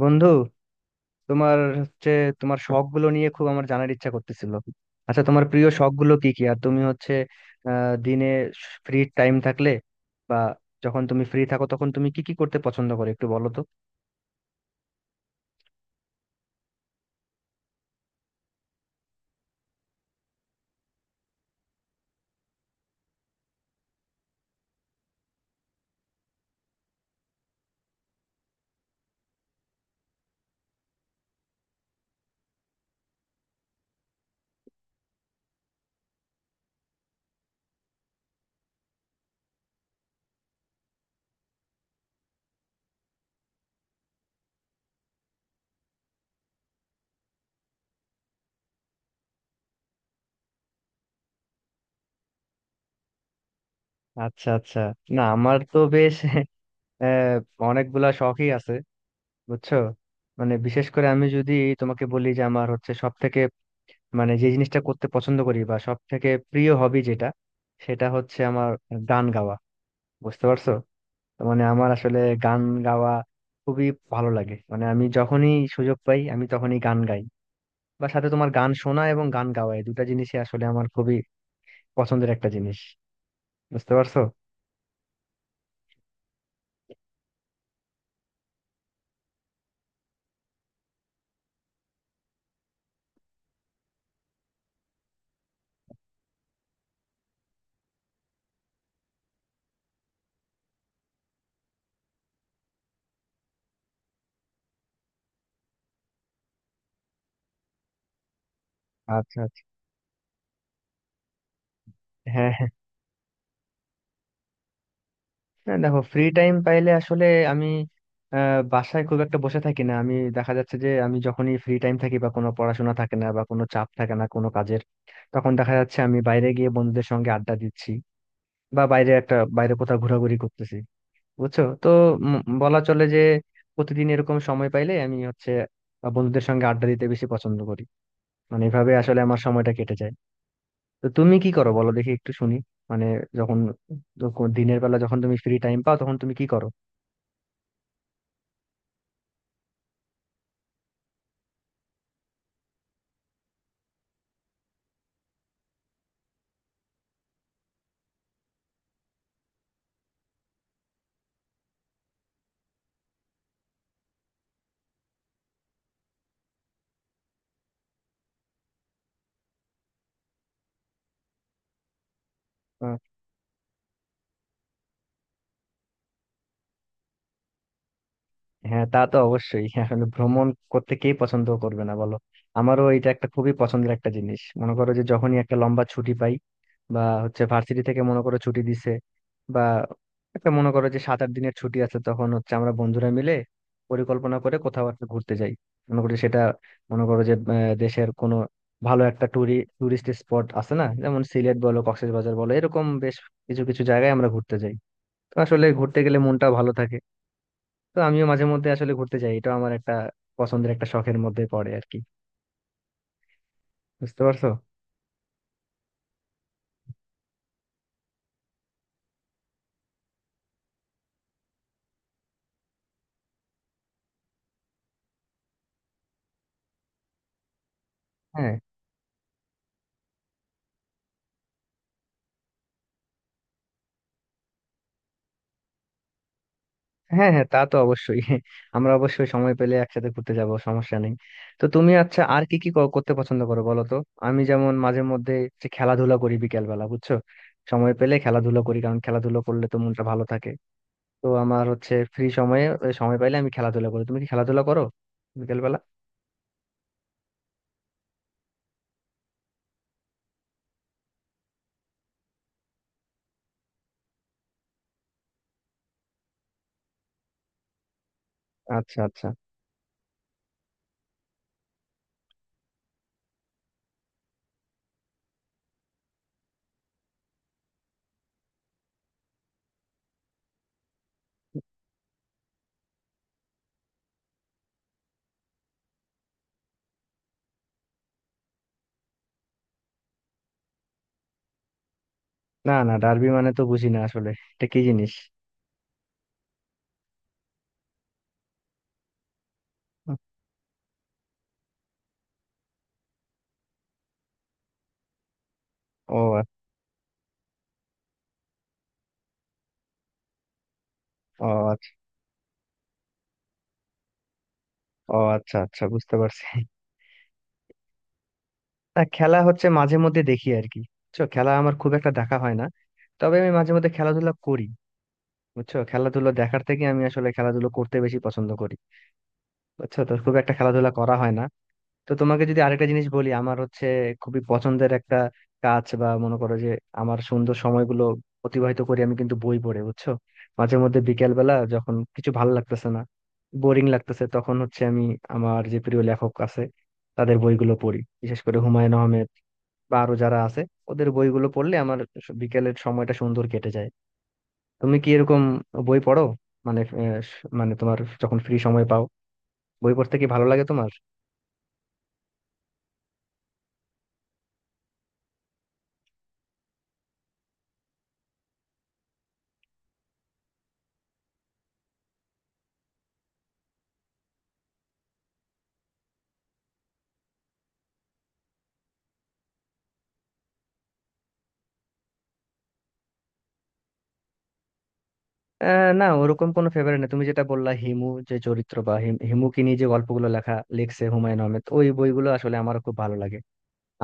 বন্ধু, তোমার হচ্ছে তোমার শখ গুলো নিয়ে খুব আমার জানার ইচ্ছা করতেছিল। আচ্ছা, তোমার প্রিয় শখ গুলো কি কি? আর তুমি হচ্ছে দিনে ফ্রি টাইম থাকলে বা যখন তুমি ফ্রি থাকো তখন তুমি কি কি করতে পছন্দ করো একটু বলো তো। আচ্ছা, আচ্ছা। না, আমার তো বেশ আহ অনেকগুলা শখই আছে, বুঝছো। মানে বিশেষ করে আমি যদি তোমাকে বলি যে আমার হচ্ছে সব থেকে মানে যে জিনিসটা করতে পছন্দ করি বা সব থেকে প্রিয় হবি যেটা, সেটা হচ্ছে আমার গান গাওয়া। বুঝতে পারছো? মানে আমার আসলে গান গাওয়া খুবই ভালো লাগে, মানে আমি যখনই সুযোগ পাই আমি তখনই গান গাই। বা সাথে তোমার গান শোনা এবং গান গাওয়া এই দুটা জিনিসই আসলে আমার খুবই পছন্দের একটা জিনিস। বুঝতে পারছো? আচ্ছা, আচ্ছা। হ্যাঁ, হ্যাঁ। না, দেখো, ফ্রি টাইম পাইলে আসলে আমি বাসায় খুব একটা বসে থাকি না। আমি দেখা যাচ্ছে যে আমি যখনই ফ্রি টাইম থাকি বা কোনো পড়াশোনা থাকে না বা কোনো চাপ থাকে না কোনো কাজের, তখন দেখা যাচ্ছে আমি বাইরে গিয়ে বন্ধুদের সঙ্গে আড্ডা দিচ্ছি বা বাইরে কোথাও ঘোরাঘুরি করতেছি। বুঝছো তো। উম বলা চলে যে প্রতিদিন এরকম সময় পাইলে আমি হচ্ছে বন্ধুদের সঙ্গে আড্ডা দিতে বেশি পছন্দ করি। মানে এভাবে আসলে আমার সময়টা কেটে যায়। তো তুমি কি করো বলো দেখি একটু শুনি। মানে যখন যখন দিনের বেলা যখন তুমি ফ্রি টাইম পাও তখন তুমি কি করো? হ্যাঁ, তা তো অবশ্যই। হ্যাঁ, আসলে ভ্রমণ করতে কে পছন্দ করবে না বলো। আমারও এটা একটা খুবই পছন্দের একটা জিনিস। মনে করো যে যখনই একটা লম্বা ছুটি পাই বা হচ্ছে ভার্সিটি থেকে মনে করো ছুটি দিছে বা একটা মনে করো যে 7-8 দিনের ছুটি আছে, তখন হচ্ছে আমরা বন্ধুরা মিলে পরিকল্পনা করে কোথাও একটা ঘুরতে যাই। মনে করি সেটা, মনে করো যে দেশের কোনো ভালো একটা টুরিস্ট স্পট আছে না, যেমন সিলেট বলো, কক্সবাজার বলো, এরকম বেশ কিছু কিছু জায়গায় আমরা ঘুরতে যাই। তো আসলে ঘুরতে গেলে মনটা ভালো থাকে। তো আমিও মাঝে মধ্যে আসলে ঘুরতে যাই, এটা আমার একটা পছন্দের একটা শখের মধ্যে পড়ে আর কি। বুঝতে পারছো? হ্যাঁ, হ্যাঁ। হ্যাঁ, তা তো অবশ্যই। আমরা অবশ্যই সময় পেলে একসাথে ঘুরতে যাব, সমস্যা নেই। তো তুমি, আচ্ছা, আর কি কি করতে পছন্দ করো বলো তো। আমি যেমন মাঝে মধ্যে যে খেলাধুলা করি বিকেল বেলা, বুঝছো, সময় পেলে খেলাধুলা করি, কারণ খেলাধুলা করলে তো মনটা ভালো থাকে। তো আমার হচ্ছে ফ্রি সময়ে সময় পাইলে আমি খেলাধুলা করি। তুমি কি খেলাধুলা করো বিকেল বেলা? আচ্ছা, আচ্ছা। না, না, ডার্বি মানে তো বুঝি না আসলে, এটা কি জিনিস? ও। আ- ও। ও, আচ্ছা, আচ্ছা, বুঝতে পারছি। না, খেলা হচ্ছে মাঝে মধ্যে দেখি আর কি, বুঝছো। খেলা আমার খুব একটা দেখা হয় না, তবে আমি মাঝে মধ্যে খেলাধুলা করি, বুঝছো। খেলাধুলো দেখার থেকে আমি আসলে খেলাধুলো করতে বেশি পছন্দ করি। বুঝছো তো, খুব একটা খেলাধুলা করা হয় না। তো তোমাকে যদি আরেকটা জিনিস বলি, আমার হচ্ছে খুবই পছন্দের একটা কাজ বা মনে করো যে আমার সুন্দর সময়গুলো অতিবাহিত করি আমি কিন্তু বই পড়ে, বুঝছো। মাঝে মধ্যে বিকেল বেলা যখন কিছু ভালো লাগতেছে না, বোরিং লাগতেছে, তখন হচ্ছে আমি আমার যে প্রিয় লেখক আছে তাদের বইগুলো পড়ি, বিশেষ করে হুমায়ুন আহমেদ বা আরো যারা আছে ওদের বইগুলো পড়লে আমার বিকেলের সময়টা সুন্দর কেটে যায়। তুমি কি এরকম বই পড়ো? মানে মানে তোমার যখন ফ্রি সময় পাও বই পড়তে কি ভালো লাগে তোমার? না, ওরকম কোনো ফেভারিট না। তুমি যেটা বললা হিমু যে চরিত্র বা হিমুকে নিয়ে যে গল্পগুলো লেখা লিখছে হুমায়ুন আহমেদ, ওই বইগুলো আসলে আমারও খুব ভালো লাগে।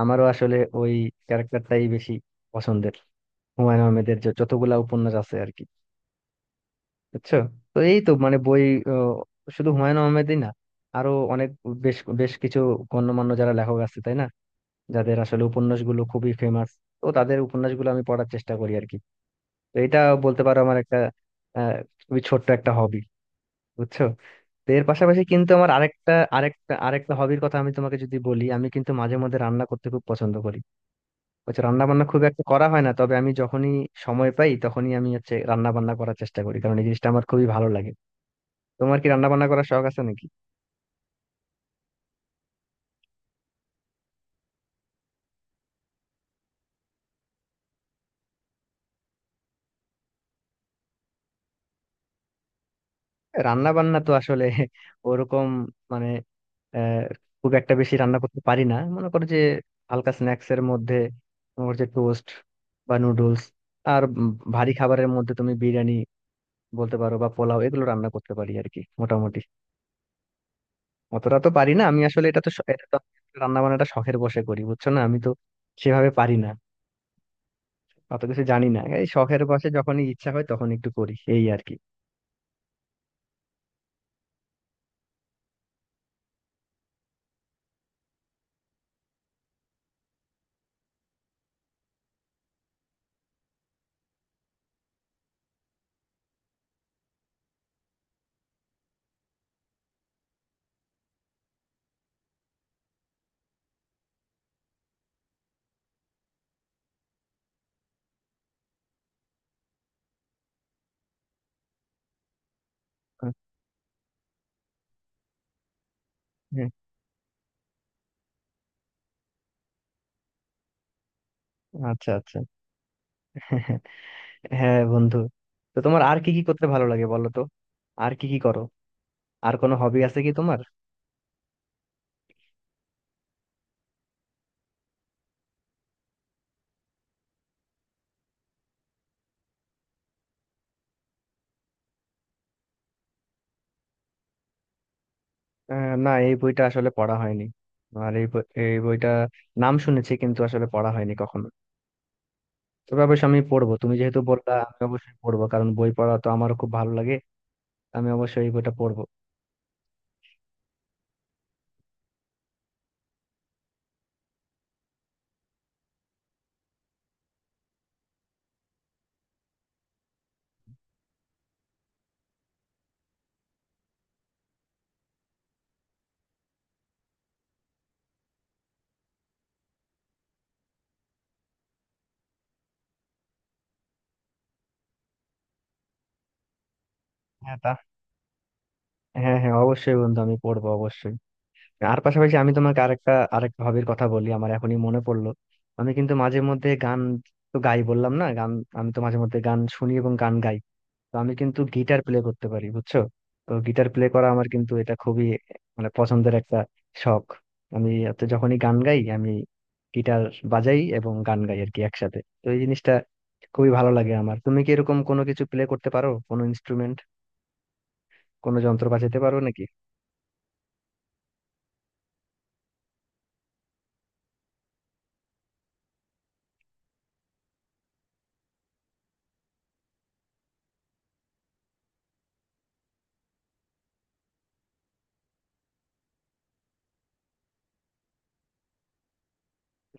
আমারও আসলে ওই ক্যারেক্টারটাই বেশি পছন্দের, হুমায়ুন আহমেদের যে যতগুলা উপন্যাস আছে আর কি, বুঝছো। তো এই তো, মানে বই আহ, শুধু হুমায়ুন আহমেদই না, আরো অনেক বেশ বেশ কিছু গণ্যমান্য যারা লেখক আছে তাই না, যাদের আসলে উপন্যাসগুলো খুবই ফেমাস, তো তাদের উপন্যাসগুলো আমি পড়ার চেষ্টা করি আর কি। তো এটা বলতে পারো আমার একটা আহ খুবই ছোট্ট একটা হবি, বুঝছো। তো এর পাশাপাশি কিন্তু আমার আরেকটা আরেকটা আরেকটা হবির কথা আমি তোমাকে যদি বলি, আমি কিন্তু মাঝে মধ্যে রান্না করতে খুব পছন্দ করি। হচ্ছে রান্না বান্না খুব একটা করা হয় না, তবে আমি যখনই সময় পাই তখনই আমি হচ্ছে রান্না বান্না করার চেষ্টা করি, কারণ এই জিনিসটা আমার খুবই ভালো লাগে। তোমার কি রান্না বান্না করার শখ আছে নাকি? রান্না বান্না তো আসলে ওরকম মানে আহ খুব একটা বেশি রান্না করতে পারি না। মনে করো যে হালকা স্ন্যাক্স এর মধ্যে তোমার যে টোস্ট বা নুডলস, আর ভারী খাবারের মধ্যে তুমি বিরিয়ানি বলতে পারো বা পোলাও, এগুলো রান্না করতে পারি আর কি মোটামুটি। অতটা তো পারি না আমি আসলে, এটা তো রান্না বান্নাটা শখের বসে করি, বুঝছো, না আমি তো সেভাবে পারি না, অত কিছু জানি না। এই শখের বসে যখনই ইচ্ছা হয় তখন একটু করি, এই আর কি। হ্যাঁ। আচ্ছা, আচ্ছা। হ্যাঁ, বন্ধু, তো তোমার আর কি কি করতে ভালো লাগে বলো তো? আর কি কি করো? আর কোনো হবি আছে কি তোমার? না, এই বইটা আসলে পড়া হয়নি। আর এই বইটা নাম শুনেছি, কিন্তু আসলে পড়া হয়নি কখনো। তবে অবশ্যই আমি পড়বো, তুমি যেহেতু বললা আমি অবশ্যই পড়বো, কারণ বই পড়া তো আমারও খুব ভালো লাগে। আমি অবশ্যই এই বইটা পড়বো। হ্যাঁ, তা, হ্যাঁ, হ্যাঁ, অবশ্যই বন্ধু, আমি পড়বো অবশ্যই। আর পাশাপাশি আমি তোমাকে আরেকটা আরেকটা হবির কথা বলি, আমার এখনই মনে পড়লো। আমি কিন্তু মাঝে মধ্যে গান, তো গাই বললাম না, গান আমি তো মাঝে মধ্যে গান শুনি এবং গান গাই, তো আমি কিন্তু গিটার প্লে করতে পারি, বুঝছো। তো গিটার প্লে করা আমার কিন্তু এটা খুবই মানে পছন্দের একটা শখ। আমি হচ্ছে যখনই গান গাই আমি গিটার বাজাই এবং গান গাই আর কি একসাথে, তো এই জিনিসটা খুবই ভালো লাগে আমার। তুমি কি এরকম কোনো কিছু প্লে করতে পারো, কোনো ইনস্ট্রুমেন্ট, কোনো যন্ত্র বাজাতে পারো নাকি?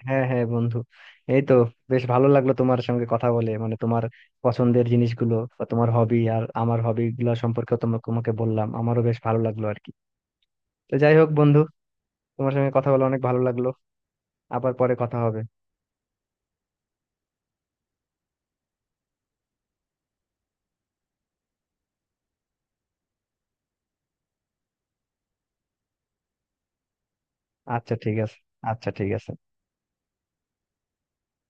হ্যাঁ, হ্যাঁ, বন্ধু, এই তো। বেশ ভালো লাগলো তোমার সঙ্গে কথা বলে, মানে তোমার পছন্দের জিনিসগুলো বা তোমার হবি আর আমার হবি গুলো সম্পর্কে তোমাকে তোমাকে বললাম, আমারও বেশ ভালো লাগলো আর কি। তো যাই হোক বন্ধু, তোমার সঙ্গে কথা বলে অনেক ভালো লাগলো। আবার পরে কথা হবে। আচ্ছা, ঠিক আছে। আচ্ছা, ঠিক আছে।